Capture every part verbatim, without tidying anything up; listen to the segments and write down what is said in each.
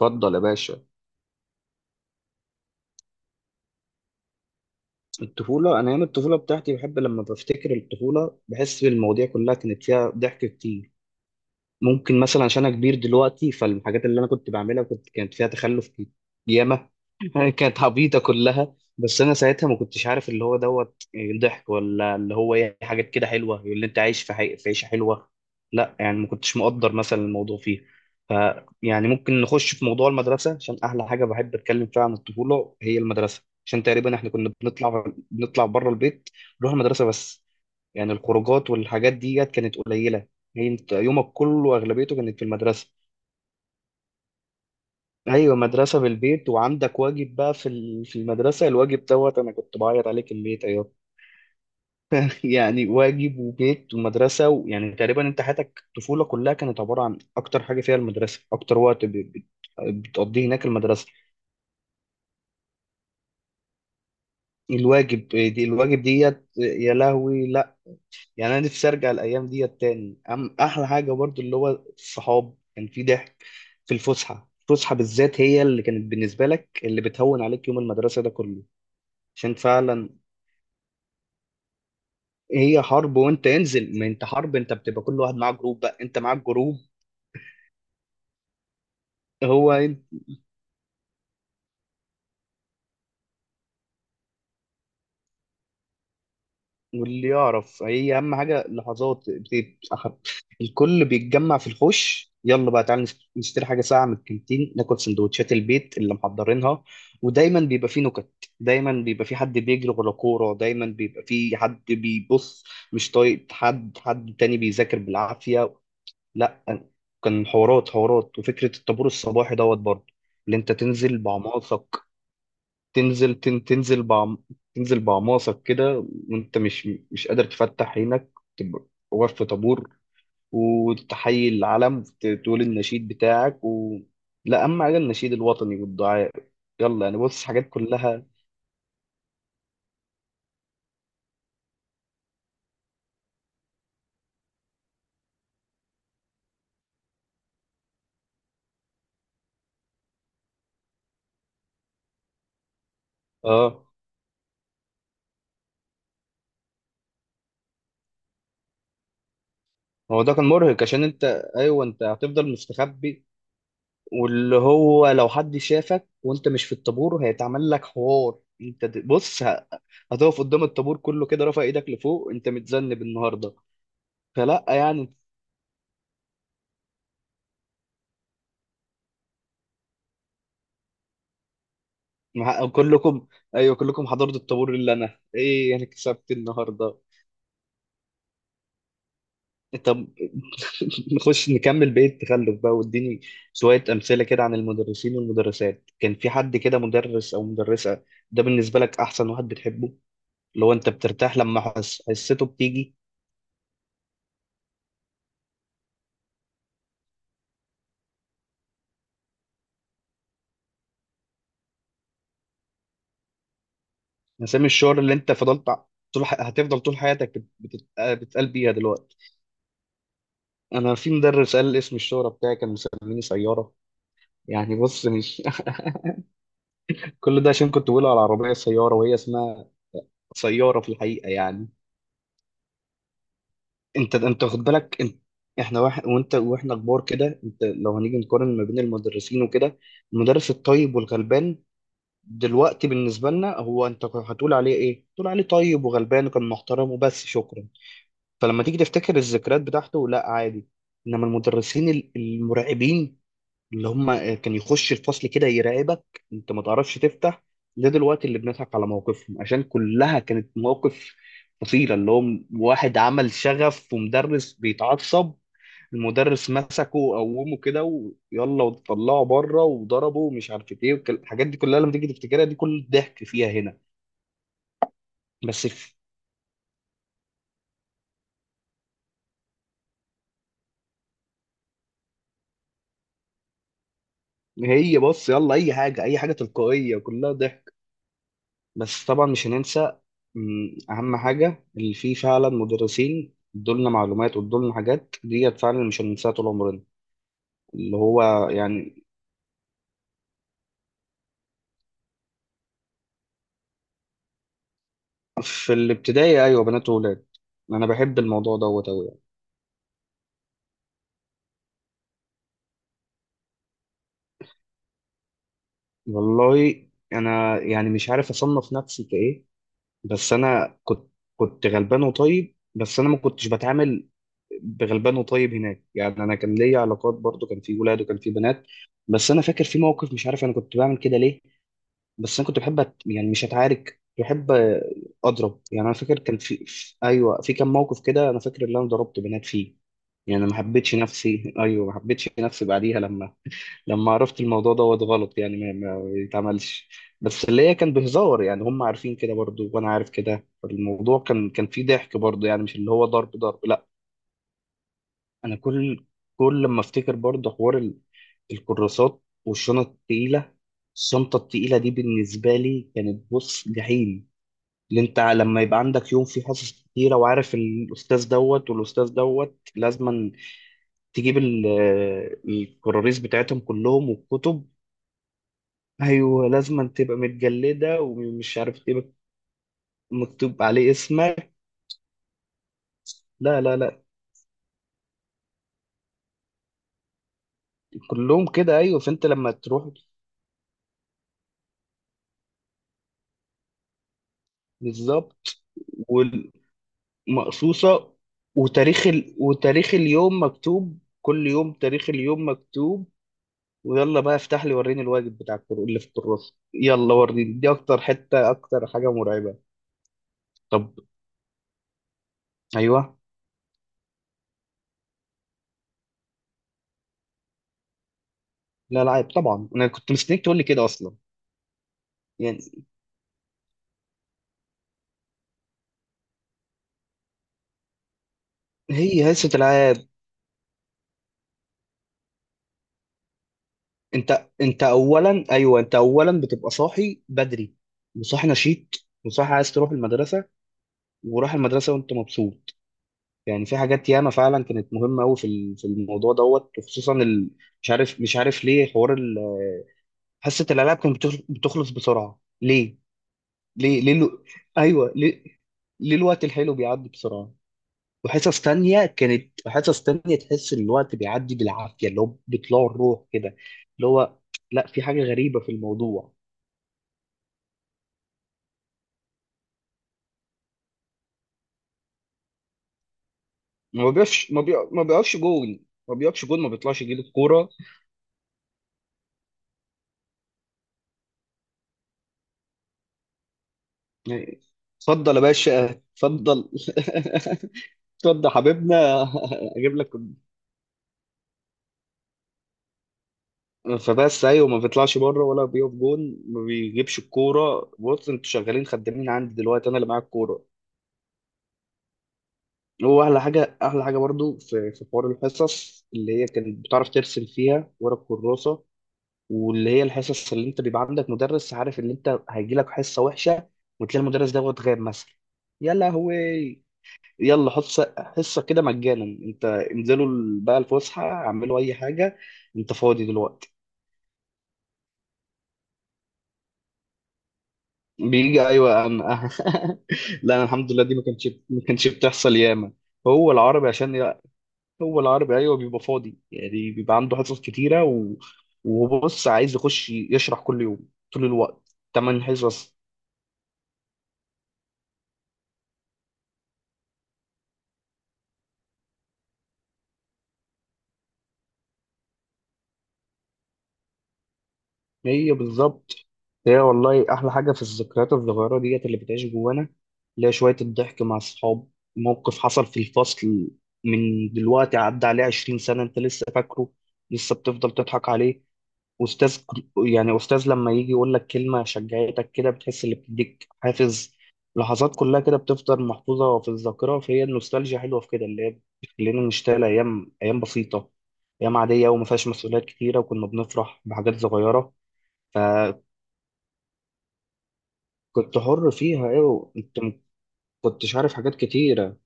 اتفضل يا باشا. الطفولة، أنا أيام الطفولة بتاعتي بحب لما بفتكر الطفولة بحس بالمواضيع كلها كانت فيها ضحك كتير. ممكن مثلا عشان انا كبير دلوقتي فالحاجات اللي انا كنت بعملها كنت كانت فيها تخلف كت- ياما. كانت عبيطه كلها بس انا ساعتها ما كنتش عارف اللي هو دوت ضحك ولا اللي هو ايه، حاجات كده حلوه اللي انت عايش في حي... في عيشه حلوه. لا يعني ما كنتش مقدر مثلا الموضوع فيه. ف يعني ممكن نخش في موضوع المدرسه عشان احلى حاجه بحب اتكلم فيها عن الطفوله هي المدرسه، عشان تقريبا احنا كنا بنطلع بنطلع بره البيت، نروح المدرسه بس. يعني الخروجات والحاجات ديت كانت قليله، هي انت يومك كله اغلبيته كانت في المدرسه. ايوه مدرسه بالبيت وعندك واجب بقى في ال- في المدرسه، الواجب دوت انا كنت بعيط عليه كميه عياط. يعني واجب وبيت ومدرسه، ويعني تقريبا انت حياتك الطفوله كلها كانت عباره عن اكتر حاجه فيها المدرسه، اكتر وقت ب- ب- بتقضيه هناك المدرسه. الواجب دي الواجب ديت يا لهوي لا. يعني انا نفسي ارجع الايام ديت تاني. أم احلى حاجه برضو اللي هو الصحاب، كان في ضحك في الفسحه، الفسحه بالذات هي اللي كانت بالنسبه لك اللي بتهون عليك يوم المدرسه ده كله. عشان فعلا هي حرب، وانت انزل ما انت حرب، انت بتبقى كل واحد معاه جروب بقى، انت معاك جروب. هو واللي يعرف هي اهم حاجه، لحظات بت- أخ- الكل بيتجمع في الحوش يلا بقى تعالى نشت- نشتري حاجه ساعه من الكانتين، ناكل سندوتشات البيت اللي محضرينها. ودايما بيبقى فيه نكت، دايما بيبقى فيه حد بيجري ورا كوره، دايما بيبقى فيه حد بيبص مش طايق حد، حد تاني بيذاكر بالعافيه. لا، كان حوارات حوارات. وفكره الطابور الصباحي دوت برضه، اللي انت تنزل بعماصك. تنزل تن تنزل بعم تنزل بعماصك كده وانت مش مش قادر تفتح عينك، تبقى واقف في طابور وتحيي العلم، ت- تقول النشيد بتاعك و... لا اهم حاجه النشيد الوطني والدعاء. يلا يعني بص حاجات كلها. اه. هو ده كان مرهق عشان انت، ايوه انت هتفضل مستخبي. واللي هو لو حد شافك وانت مش في الطابور هيتعمل لك حوار، انت د- بص ه- هتقف قدام الطابور كله كده رافع ايدك لفوق، انت متذنب النهارده. فلا يعني مع- كلكم، ايوه كلكم حضرتوا الطابور، اللي انا ايه انا كسبت النهارده. طب، نخش نكمل بقية التخلف بقى واديني شوية أمثلة كده عن المدرسين والمدرسات. كان في حد كده مدرس أو مدرسة ده بالنسبة لك أحسن واحد بتحبه، اللي هو أنت بترتاح لما حس... حسيته بتيجي؟ مسام الشعور اللي أنت فضلت ع- طول ح... هتفضل طول حياتك بت... بت... بتقال بيها دلوقتي. أنا في مدرس قال اسم الشهرة بتاعي، كان مسميني سيارة. يعني بص مش، كل ده عشان كنت بقول على العربية سيارة، وهي اسمها سيارة في الحقيقة يعني. انت انت واخد بالك انت، احنا واحد وانت، واحنا كبار كده انت لو هنيجي نقارن ما بين المدرسين وكده، المدرس الطيب والغلبان دلوقتي بالنسبة لنا هو انت هتقول عليه ايه؟ تقول عليه طيب وغلبان وكان محترم وبس شكرا. فلما تيجي تفتكر الذكريات بتاعته لا عادي. انما المدرسين ال- المرعبين اللي هم كان يخش الفصل كده يراقبك انت ما تعرفش تفتح، ده دلوقتي اللي بنضحك على مواقفهم عشان كلها كانت مواقف فصيلة. اللي هو واحد عمل شغف ومدرس بيتعصب، المدرس مسكه وقومه كده ويلا وطلعه بره وضربه ومش عارف ايه والكل- الحاجات دي كلها لما تيجي تفتكرها دي كل الضحك فيها هنا. بس في- هي بص يلا اي حاجة اي حاجة تلقائية كلها ضحك. بس طبعا مش هننسى، مم، أهم حاجة اللي فيه فعلا مدرسين ادولنا معلومات وادولنا حاجات ديت فعلا مش هننساها طول عمرنا، اللي هو يعني. في الابتدائي أيوة بنات وولاد، أنا بحب الموضوع دوت أوي يعني. والله أنا يعني مش عارف أصنف نفسي كإيه، بس أنا كنت، كنت غلبان وطيب. بس أنا ما كنتش بتعامل بغلبان وطيب هناك، يعني أنا كان ليا علاقات برضو، كان في ولاد وكان في بنات. بس أنا فاكر في موقف، مش عارف أنا كنت بعمل كده ليه، بس انا كنت بحب أت... يعني مش اتعارك كنت بحب اضرب. يعني انا فاكر كان في... في، ايوه في كام موقف كده انا فاكر ان انا ضربت بنات فيه. يعني ما حبيتش نفسي، ايوه ما حبيتش نفسي بعديها لما، لما عرفت الموضوع دوت غلط، يعني ما, ما يتعملش. بس اللي هي كان بهزار، يعني هم عارفين كده برضو وانا عارف كده، الموضوع كان كان فيه ضحك برضو، يعني مش اللي هو ضرب ضرب لا. انا كل كل لما افتكر برضه حوار ال- الكراسات والشنط التقيله، الشنطه التقيله دي بالنسبه لي كانت بص جحيم. اللي انت لما يبقى عندك يوم فيه حصص كتيره وعارف الاستاذ دوت والاستاذ دوت لازما تجيب ال- الكراريس بتاعتهم كلهم والكتب. ايوه لازما تبقى متجلده ومش عارف تبقى مكتوب عليه اسمك. لا لا لا، كلهم كده ايوه، فانت لما تروح. بالظبط، مقصوصة، وتاريخ ال... وتاريخ اليوم مكتوب، كل يوم تاريخ اليوم مكتوب. ويلا بقى افتح لي وريني الواجب بتاع الكر- اللي في الكراسة يلا وريني، دي اكتر حتة اكتر حاجة مرعبة. طب ايوه، لا العاب طبعا انا كنت مستنيك تقول لي كده اصلا. يعني هي هلسة العاب، انت انت اولا، ايوه انت اولا بتبقى صاحي بدري، وصاحي نشيط وصاحي عايز تروح المدرسة، وراح المدرسة وانت مبسوط. يعني في حاجات ياما فعلا كانت مهمه قوي في ال- في الموضوع دوت وخصوصا ال... مش عارف مش عارف ليه حوار ال... حصه الالعاب كانت بتخل- بتخلص بسرعه ليه؟ ليه ليه الو... ايوه ليه، ليه الوقت الحلو بيعدي بسرعه؟ وحصص تانية كانت حصص تانية تحس ان الوقت بيعدي بالعافيه اللي هو بيطلعوا الروح كده، اللي هو لا في حاجه غريبه في الموضوع. ما بيقفش ما, بي... ما بيقفش جول، ما بيقفش جول ما بيطلعش يجيب الكوره، يعني اتفضل يا باشا، اتفضل، اتفضل حبيبنا اجيب لك. فبس ايوه ما بيطلعش بره ولا بيقف جون ما بيجيبش الكوره، بص انتوا شغالين خدامين عندي دلوقتي انا اللي معايا الكوره. هو احلى حاجه احلى حاجه برضو في في حوار الحصص اللي هي كانت بتعرف ترسم فيها ورا الكراسه، واللي هي الحصص اللي انت بيبقى عندك مدرس عارف ان انت هيجي لك حصه وحشه وتلاقي المدرس دوت غاب مثلا. يا لهوي، يلا حصه حصه كده مجانا، انت انزلوا بقى الفسحه اعملوا اي حاجه، انت فاضي دلوقتي. بيجي ايوه انا، لا انا الحمد لله دي ما كانتش، ما كانتش بتحصل ياما. هو العربي عشان هو العربي ايوه بيبقى فاضي، يعني بيبقى عنده حصص كتيره، و... وبص عايز يخش يشرح كل يوم طول الوقت، تمن حصص. هي بالظبط، هي والله احلى حاجه في الذكريات الصغيره ديت اللي بتعيش جوانا، اللي هي شويه الضحك مع الصحاب، موقف حصل في الفصل من دلوقتي عدى عليه عشرين سنه انت لسه فاكره، لسه بتفضل تضحك عليه. استاذ، يعني استاذ لما يجي يقول لك كلمه شجعتك كده بتحس اللي بتديك حافز، لحظات كلها كده بتفضل محفوظه في الذاكره. فهي النوستالجيا حلوه في كده اللي هي بتخلينا نشتغل، ايام ايام بسيطه، ايام عاديه وما فيهاش مسؤوليات كتيره وكنا بنفرح بحاجات صغيره. فكنت حر فيها ايوه، انت ما كنتش عارف حاجات كتيره.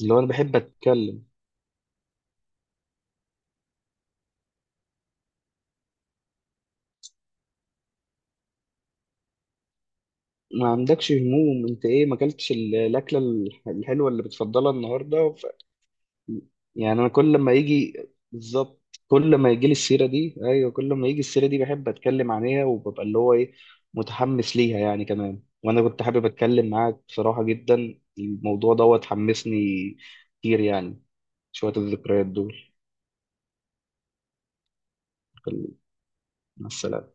اللي هو انا بحب اتكلم، ما عندكش هموم، انت ايه ما اكلتش ال- الاكله الح- الحلوه اللي بتفضلها النهارده. يعني انا كل ما يجي، بالظبط، كل ما يجي لي السيره دي، ايوه كل ما يجي السيره دي بحب اتكلم عليها وببقى اللي هو ايه، متحمس ليها يعني كمان. وانا كنت حابب اتكلم معاك بصراحه جدا، الموضوع دوت حمسني كتير يعني، شويه الذكريات دول. مع السلامه.